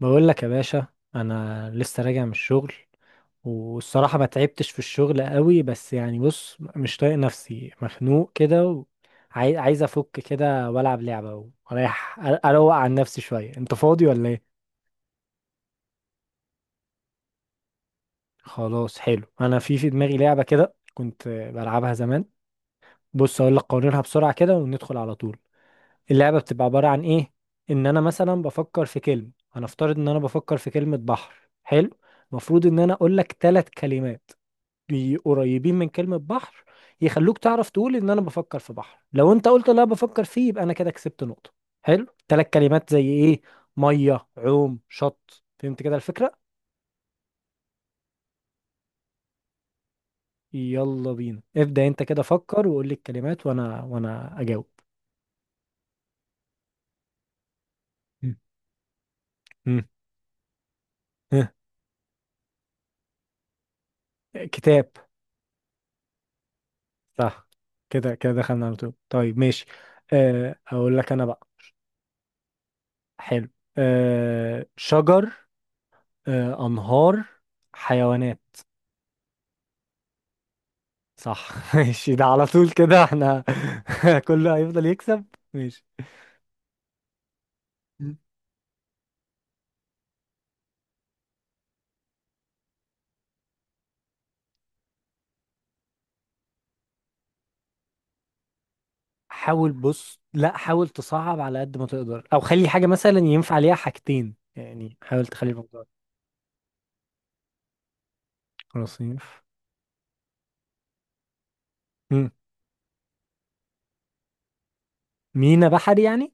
بقول لك يا باشا، انا لسه راجع من الشغل. والصراحه ما تعبتش في الشغل قوي، بس يعني بص، مش طايق نفسي، مخنوق كده. وعايز افك كده والعب لعبه واريح، اروق عن نفسي شويه. انت فاضي ولا ايه؟ خلاص حلو، انا في دماغي لعبه كده كنت بلعبها زمان. بص اقول لك قوانينها بسرعه كده وندخل على طول. اللعبه بتبقى عباره عن ايه؟ ان انا مثلا بفكر في كلمه، هنفترض ان انا بفكر في كلمه بحر. حلو. المفروض ان انا اقول لك ثلاث كلمات قريبين من كلمة بحر، يخلوك تعرف تقول ان انا بفكر في بحر. لو انت قلت لا بفكر فيه، يبقى انا كده كسبت نقطة. حلو. ثلاث كلمات زي ايه؟ مية، عوم، شط. فهمت كده الفكرة؟ يلا بينا، ابدأ انت كده، فكر وقول لي الكلمات وانا اجاوب. م. م. ها. كتاب. صح. كده كده دخلنا على طول. طيب ماشي. اقول لك انا بقى. حلو. شجر. انهار. حيوانات. صح. ماشي، ده على طول كده احنا، كله هيفضل يكسب. ماشي. مم. حاول، بص، لا حاول تصعب على قد ما تقدر، او خلي حاجة مثلا ينفع عليها حاجتين، يعني حاول تخلي الموضوع. خلاص ينفع. مم. مينا بحري يعني.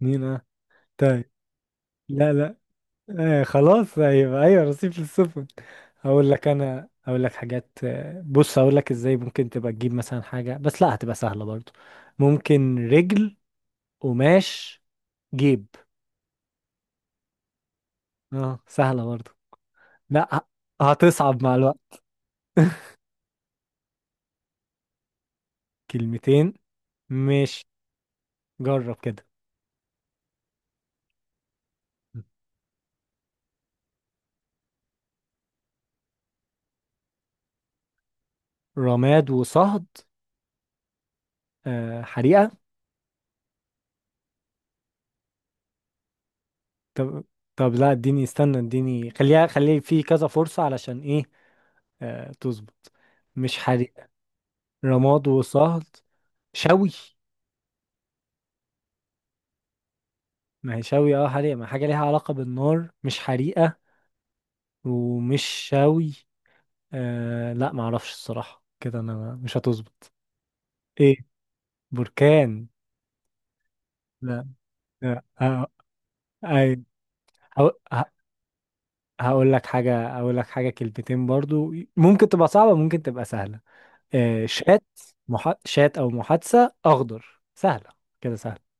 مينا. طيب. لا لا. آه خلاص، ايوه ايوه، رصيف للسفن. هقول لك حاجات. بص هقول لك ازاي ممكن تبقى تجيب مثلا حاجة، بس لا هتبقى سهلة برضو. ممكن. رجل. قماش. جيب. اه، سهلة برضه. لا هتصعب مع الوقت. كلمتين. مش، جرب كده. رماد وصهد. حريقة. طب طب لا اديني استنى، اديني خليها في كذا فرصة علشان ايه. تظبط. مش حريقة. رماد وصهد. شوي. ما هي شوي، اه حريقة، ما حاجة ليها علاقة بالنار، مش حريقة. ومش شوي. آه لا، ما اعرفش الصراحة، كده انا مش هتظبط. ايه، بركان. لا، لا. آه. هقو- ه- هقول لك حاجة كلمتين برضو، ممكن تبقى صعبة ممكن تبقى سهلة. شات. شات أو محادثة أخضر. سهلة. كده سهلة.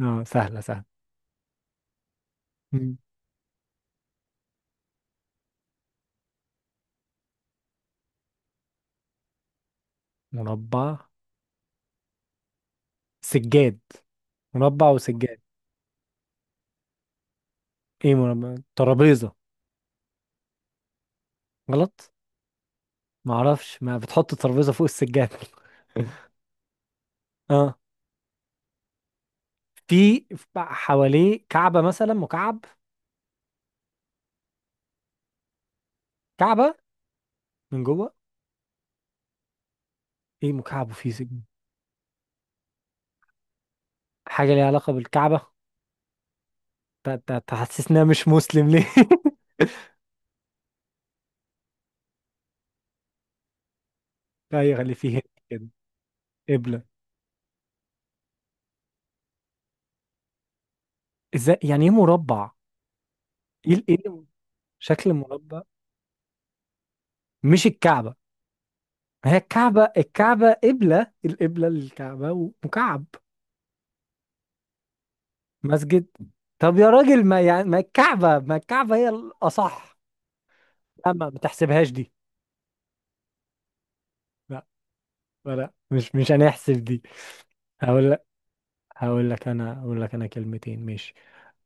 اه، سهلة سهلة. مم. مربع. سجاد. مربع وسجاد. ايه، مربع، ترابيزة. غلط. معرفش، ما بتحط الترابيزة فوق السجاد. اه. في حواليه كعبة مثلا، مكعب. كعبة. من جوه. ايه مكعب وفيه سجاد. حاجة ليها علاقة بالكعبة. تحسسنا مش مسلم ليه. لا يغلي فيه. كده. قبلة. ازاي يعني ايه مربع؟ ايه ال- ايه الم- شكل المربع. مش الكعبة. ما هي الكعبة، الكعبة قبلة، القبلة للكعبة ومكعب. مسجد. طب يا راجل، ما يعني ما الكعبة، ما الكعبة هي الأصح. لا ما تحسبهاش دي. لا. لا لا، مش هنحسب دي. هقول لك هقول لك انا كلمتين ماشي.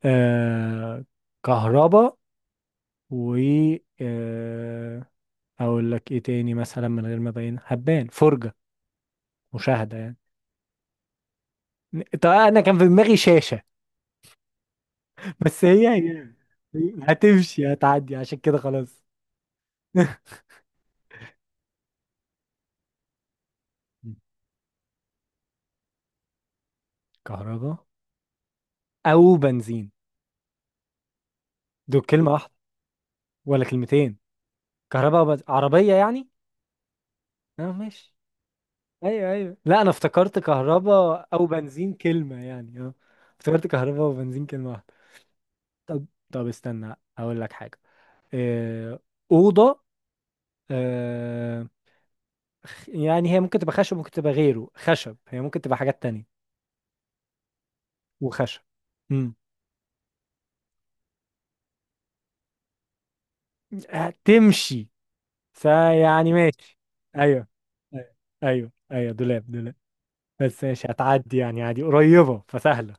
آه كهرباء. و آه اقول لك ايه تاني مثلا، من غير ما ابين هبان، فرجة، مشاهدة يعني. طب انا كان في دماغي شاشة، بس هي هي هتمشي، هتعدي عشان كده خلاص. كهرباء او بنزين. دول كلمة واحدة ولا كلمتين؟ كهرباء وبنزين. عربية يعني. اه ماشي. ايوه ايوه، لا انا افتكرت كهرباء او بنزين كلمة يعني، اه. افتكرت كهرباء وبنزين كلمة واحدة. طب. استنى اقول لك حاجة. آه، أوضة. آه، يعني هي ممكن تبقى خشب، ممكن تبقى غيره خشب، هي ممكن تبقى حاجات تانية. وخشب. امم هتمشي. فيعني ماشي. ايوه ايوه ايوه ايوه، دولاب دولاب. بس ماشي هتعدي يعني عادي، قريبة فسهلة.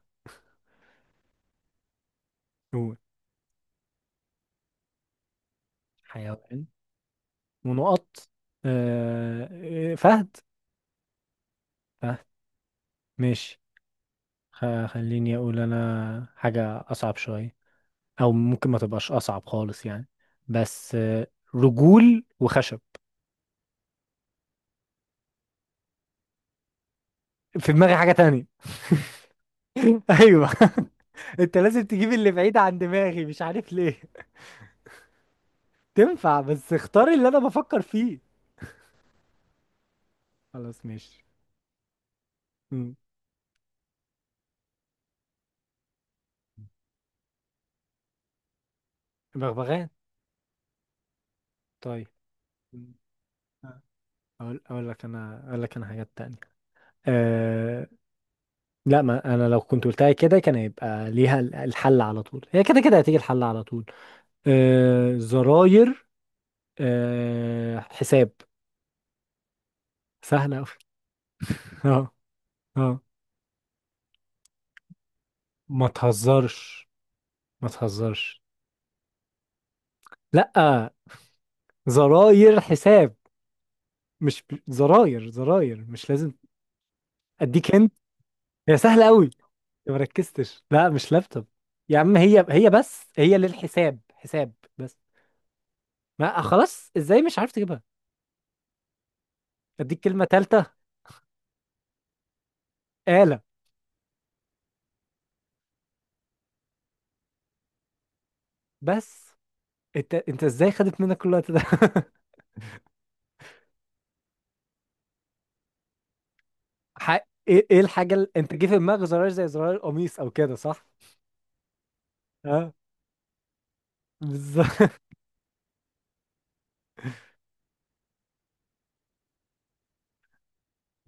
هو. حيوان. ونقط. فهد. فهد. ماشي. خليني اقول انا حاجة اصعب شوية، او ممكن ما تبقاش اصعب خالص يعني، بس رجول وخشب. في دماغي حاجة تانية. ايوه. انت لازم تجيب اللي بعيد عن دماغي، مش عارف ليه. تنفع، بس اختار اللي انا بفكر فيه. خلاص ماشي. مم. بغبغان. طيب. مم. اقول لك انا حاجات تانية. أه... لا ما انا لو كنت قلتها كده كان هيبقى ليها الحل على طول، هي كده كده هتيجي الحل على طول. زراير. حساب. سهلة أوي. اه. اه. ما تهزرش. ما تهزرش. لا. زراير حساب. مش زراير زراير مش لازم. اديك انت. هي سهله قوي. ما ركزتش، لا مش لابتوب. يا عم هي هي، بس هي للحساب، حساب بس. ما خلاص، ازاي مش عارف تجيبها. اديك كلمه ثالثه. آلة. بس انت ازاي، خدت منك كل الوقت ده. ح... ايه الحاجه اللي، انت جه في دماغك زراير، زي زراير القميص او كده، صح. اه، بالظبط.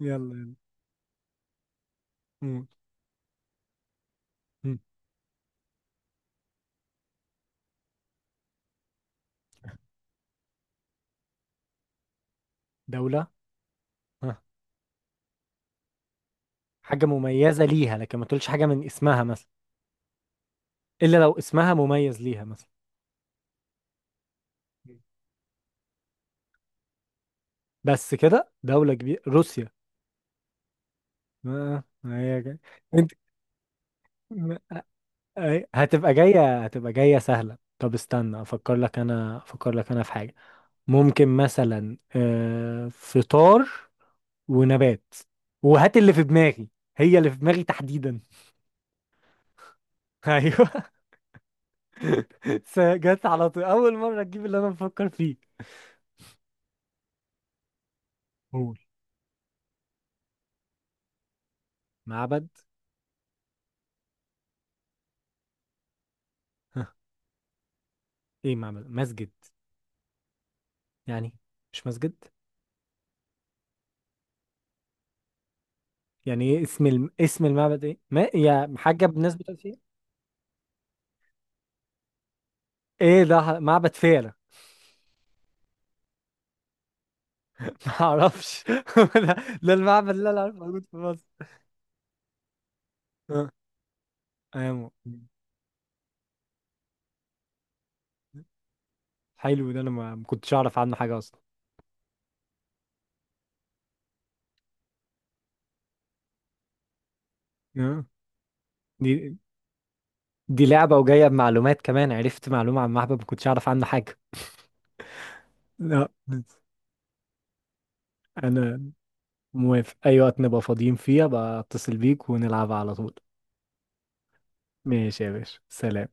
يلا يلا. مم. مم. دوله. آه. حاجه مميزه ليها، لكن ما تقولش حاجه من اسمها مثلا، الا لو اسمها مميز ليها مثلا. بس كده دولة كبيرة، روسيا. ما هي جاي. انت ما- هتبقى جاية، هتبقى جاية سهلة. طب استنى افكر لك، انا افكر لك انا في حاجة. ممكن مثلا فطار ونبات، وهات اللي في دماغي، هي اللي في دماغي تحديدا. ايوه. جت على طول، اول مرة تجيب اللي انا بفكر فيه. قول معبد. ها؟ ايه، معبد مسجد يعني. مش مسجد يعني. ايه اسم المعبد ايه، ما يا حاجه بالناس بتقول فيه. ايه ده، معبد فيلة. ما اعرفش. ده, ده المعبد اللي انا عارفه موجود في مصر. آه. ايوه. حلو، ده انا ما كنتش اعرف عنه حاجه اصلا. آه. دي دي لعبه وجايه بمعلومات كمان، عرفت معلومه عن معبد ما كنتش اعرف عنه حاجه. لا انا موافق اي وقت نبقى فاضيين فيه، بقى اتصل بيك ونلعب على طول. ماشي يا باشا، سلام.